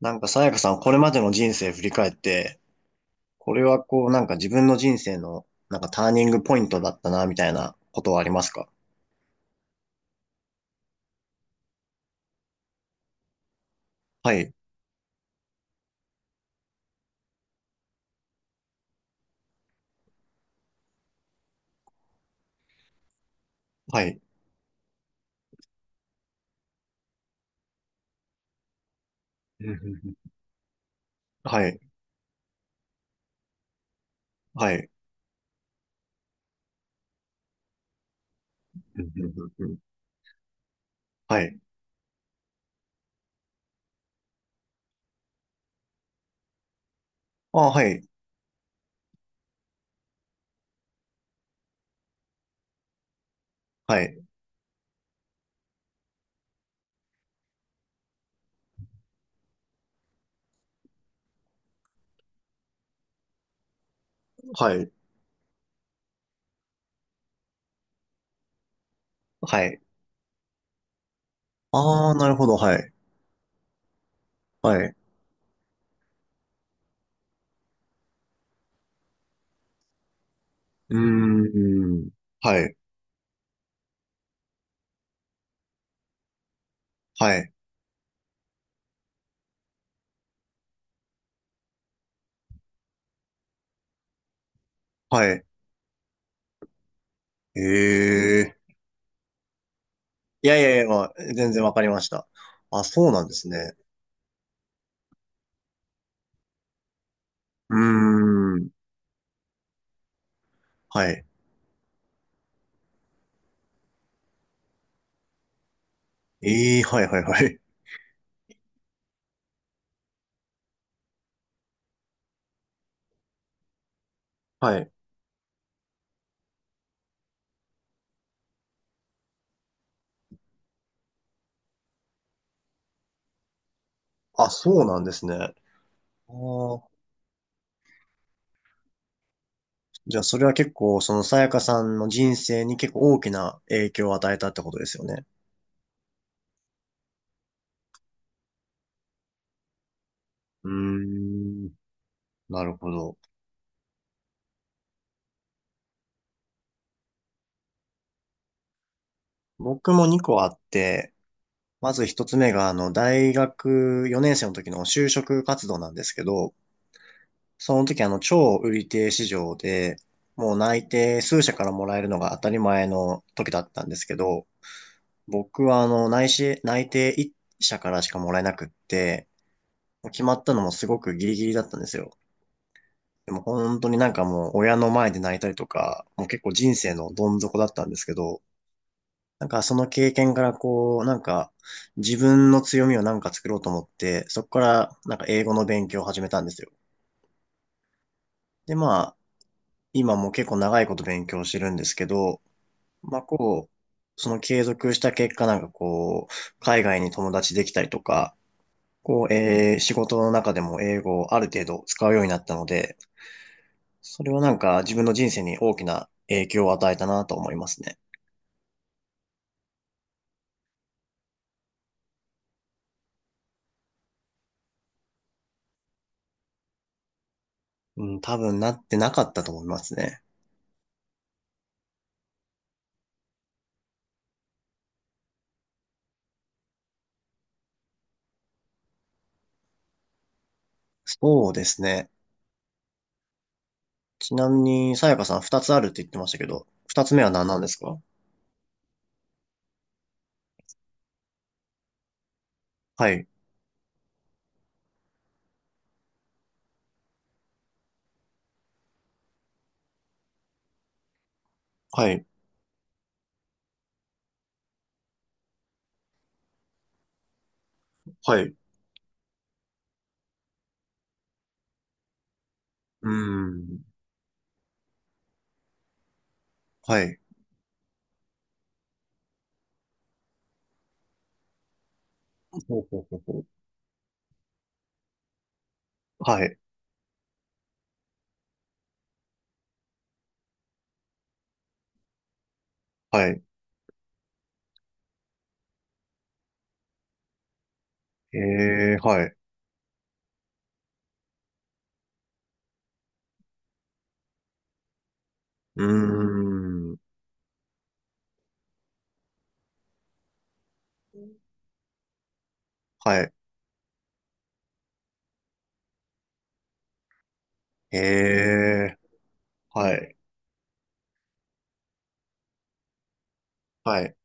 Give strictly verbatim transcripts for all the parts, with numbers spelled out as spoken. なんか、さやかさん、これまでの人生振り返って、これはこう、なんか自分の人生の、なんかターニングポイントだったな、みたいなことはありますか？はい、はい、はい、はい、はい。あ、はい、はい、はい、はい。ああ、なるほど、はい、はい、うーん、はい、はい、はい。ええ。いやいやいや、まあ、全然わかりました。あ、そうなんですね。うーん、はい。ええ、はい、はい、はい。はい。あ、そうなんですね。あー。じゃあ、それは結構、そのさやかさんの人生に結構大きな影響を与えたってことですよね。うーん、なるほど。僕もにこあって、まずひとつめが、あの、大学よねん生の時の就職活動なんですけど、その時、あの、超売り手市場で、もう内定数社からもらえるのが当たり前の時だったんですけど、僕は、あの、内し内定いっ社からしかもらえなくって、決まったのもすごくギリギリだったんですよ。でも本当になんかもう親の前で泣いたりとか、もう結構人生のどん底だったんですけど、なんかその経験からこう、なんか自分の強みをなんか作ろうと思って、そこからなんか英語の勉強を始めたんですよ。でまあ、今も結構長いこと勉強してるんですけど、まあこう、その継続した結果なんかこう、海外に友達できたりとか、こう、えー仕事の中でも英語をある程度使うようになったので、それはなんか自分の人生に大きな影響を与えたなと思いますね。うん、多分なってなかったと思いますね。そうですね。ちなみに、さやかさん二つあるって言ってましたけど、二つ目は何なんですか？はい、はい、はい。うーん、はい。ほうほうほうほう。はい、はい。ええ、はい。うーん、はい。ええ、はい、はい。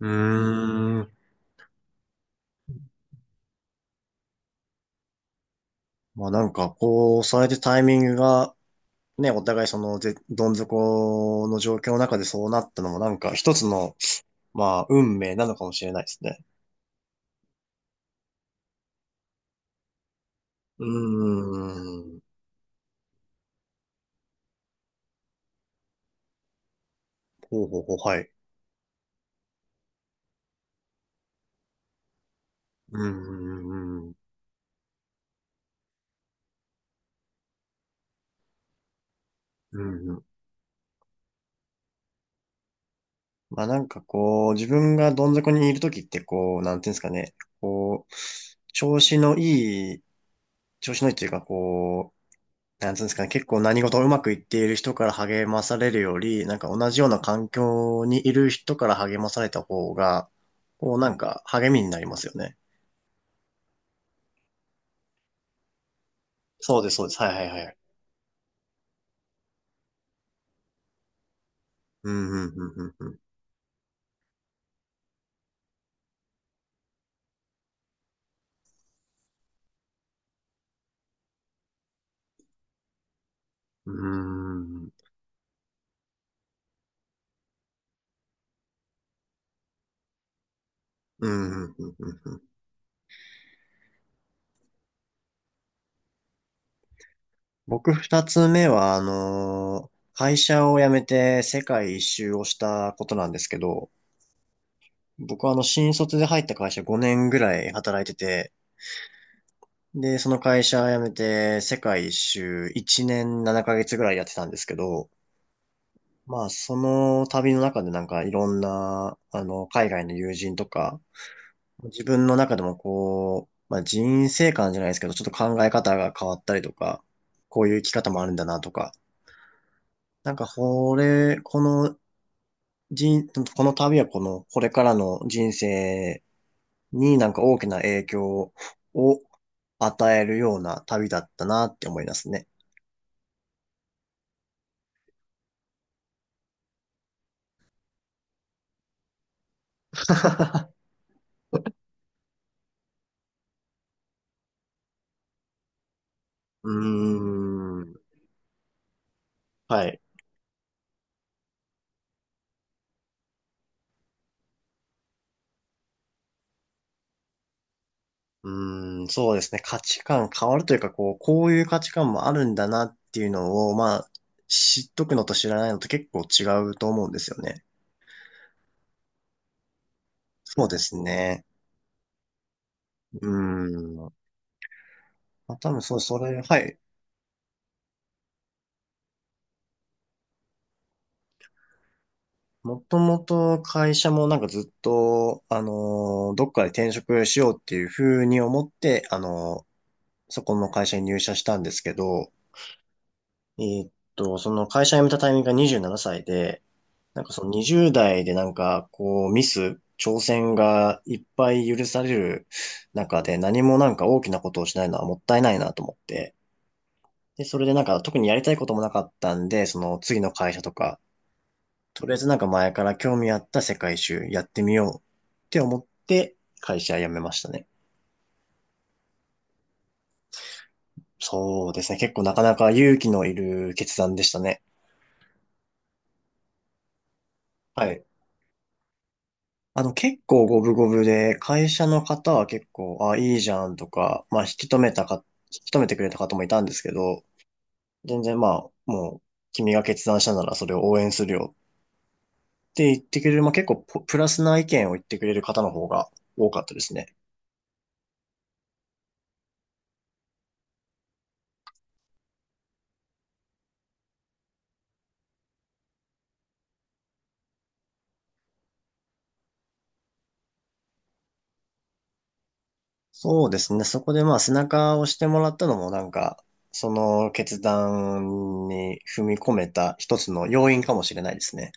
うーん。まあなんか、こう、それでタイミングがね、お互いその、ぜどん底の状況の中でそうなったのもなんか一つの、まあ、運命なのかもしれないですね。うーん。ほうほうほう、はい。うーん。うんうんうん。まあなんかこう、自分がどん底にいるときってこう、なんていうんですかね。こう、調子のいい、調子のいいっていうかこう、なんつうんですかね、結構何事もうまくいっている人から励まされるより、なんか同じような環境にいる人から励まされた方が、こうなんか励みになりますよね。そうです、そうです。はいはいはい。うん、うん、うん、うん、うん。うーん、うん、うん、うん、うんうんうんうんうんうんうんうんうんうんうん。僕二つ目は、あのー会社を辞めて世界一周をしたことなんですけど、僕はあの、新卒で入った会社ごねんぐらい働いてて、で、その会社辞めて、世界一周いちねんななかげつぐらいやってたんですけど、まあ、その旅の中でなんかいろんな、あの、海外の友人とか、自分の中でもこう、まあ、人生観じゃないですけど、ちょっと考え方が変わったりとか、こういう生き方もあるんだなとか、なんか、これ、この人、この旅はこの、これからの人生になんか大きな影響を与えるような旅だったなって思いますね。うーん。はい。うーん、そうですね。価値観変わるというか、こう、こういう価値観もあるんだなっていうのを、まあ、知っとくのと知らないのと結構違うと思うんですよね。そうですね。うーん。まあ、多分そう、それ、はい。もともと会社もなんかずっと、あのーどっかで転職しようっていうふうに思って、あのーそこの会社に入社したんですけど、えーっと、その会社辞めたタイミングがにじゅうななさいで、なんかそのにじゅう代でなんかこうミス、挑戦がいっぱい許される中で何もなんか大きなことをしないのはもったいないなと思って。で、それでなんか特にやりたいこともなかったんで、その次の会社とか、とりあえずなんか前から興味あった世界一周やってみようって思って会社辞めましたね。そうですね。結構なかなか勇気のいる決断でしたね。はい。あの、結構五分五分で、会社の方は結構、あ、いいじゃんとか、まあ、引き止めたか、引き止めてくれた方もいたんですけど、全然まあ、もう、君が決断したならそれを応援するよって言ってくれる、まあ結構ポプラスな意見を言ってくれる方の方が多かったですね。そうですね。そこでまあ背中を押してもらったのもなんか、その決断に踏み込めた一つの要因かもしれないですね。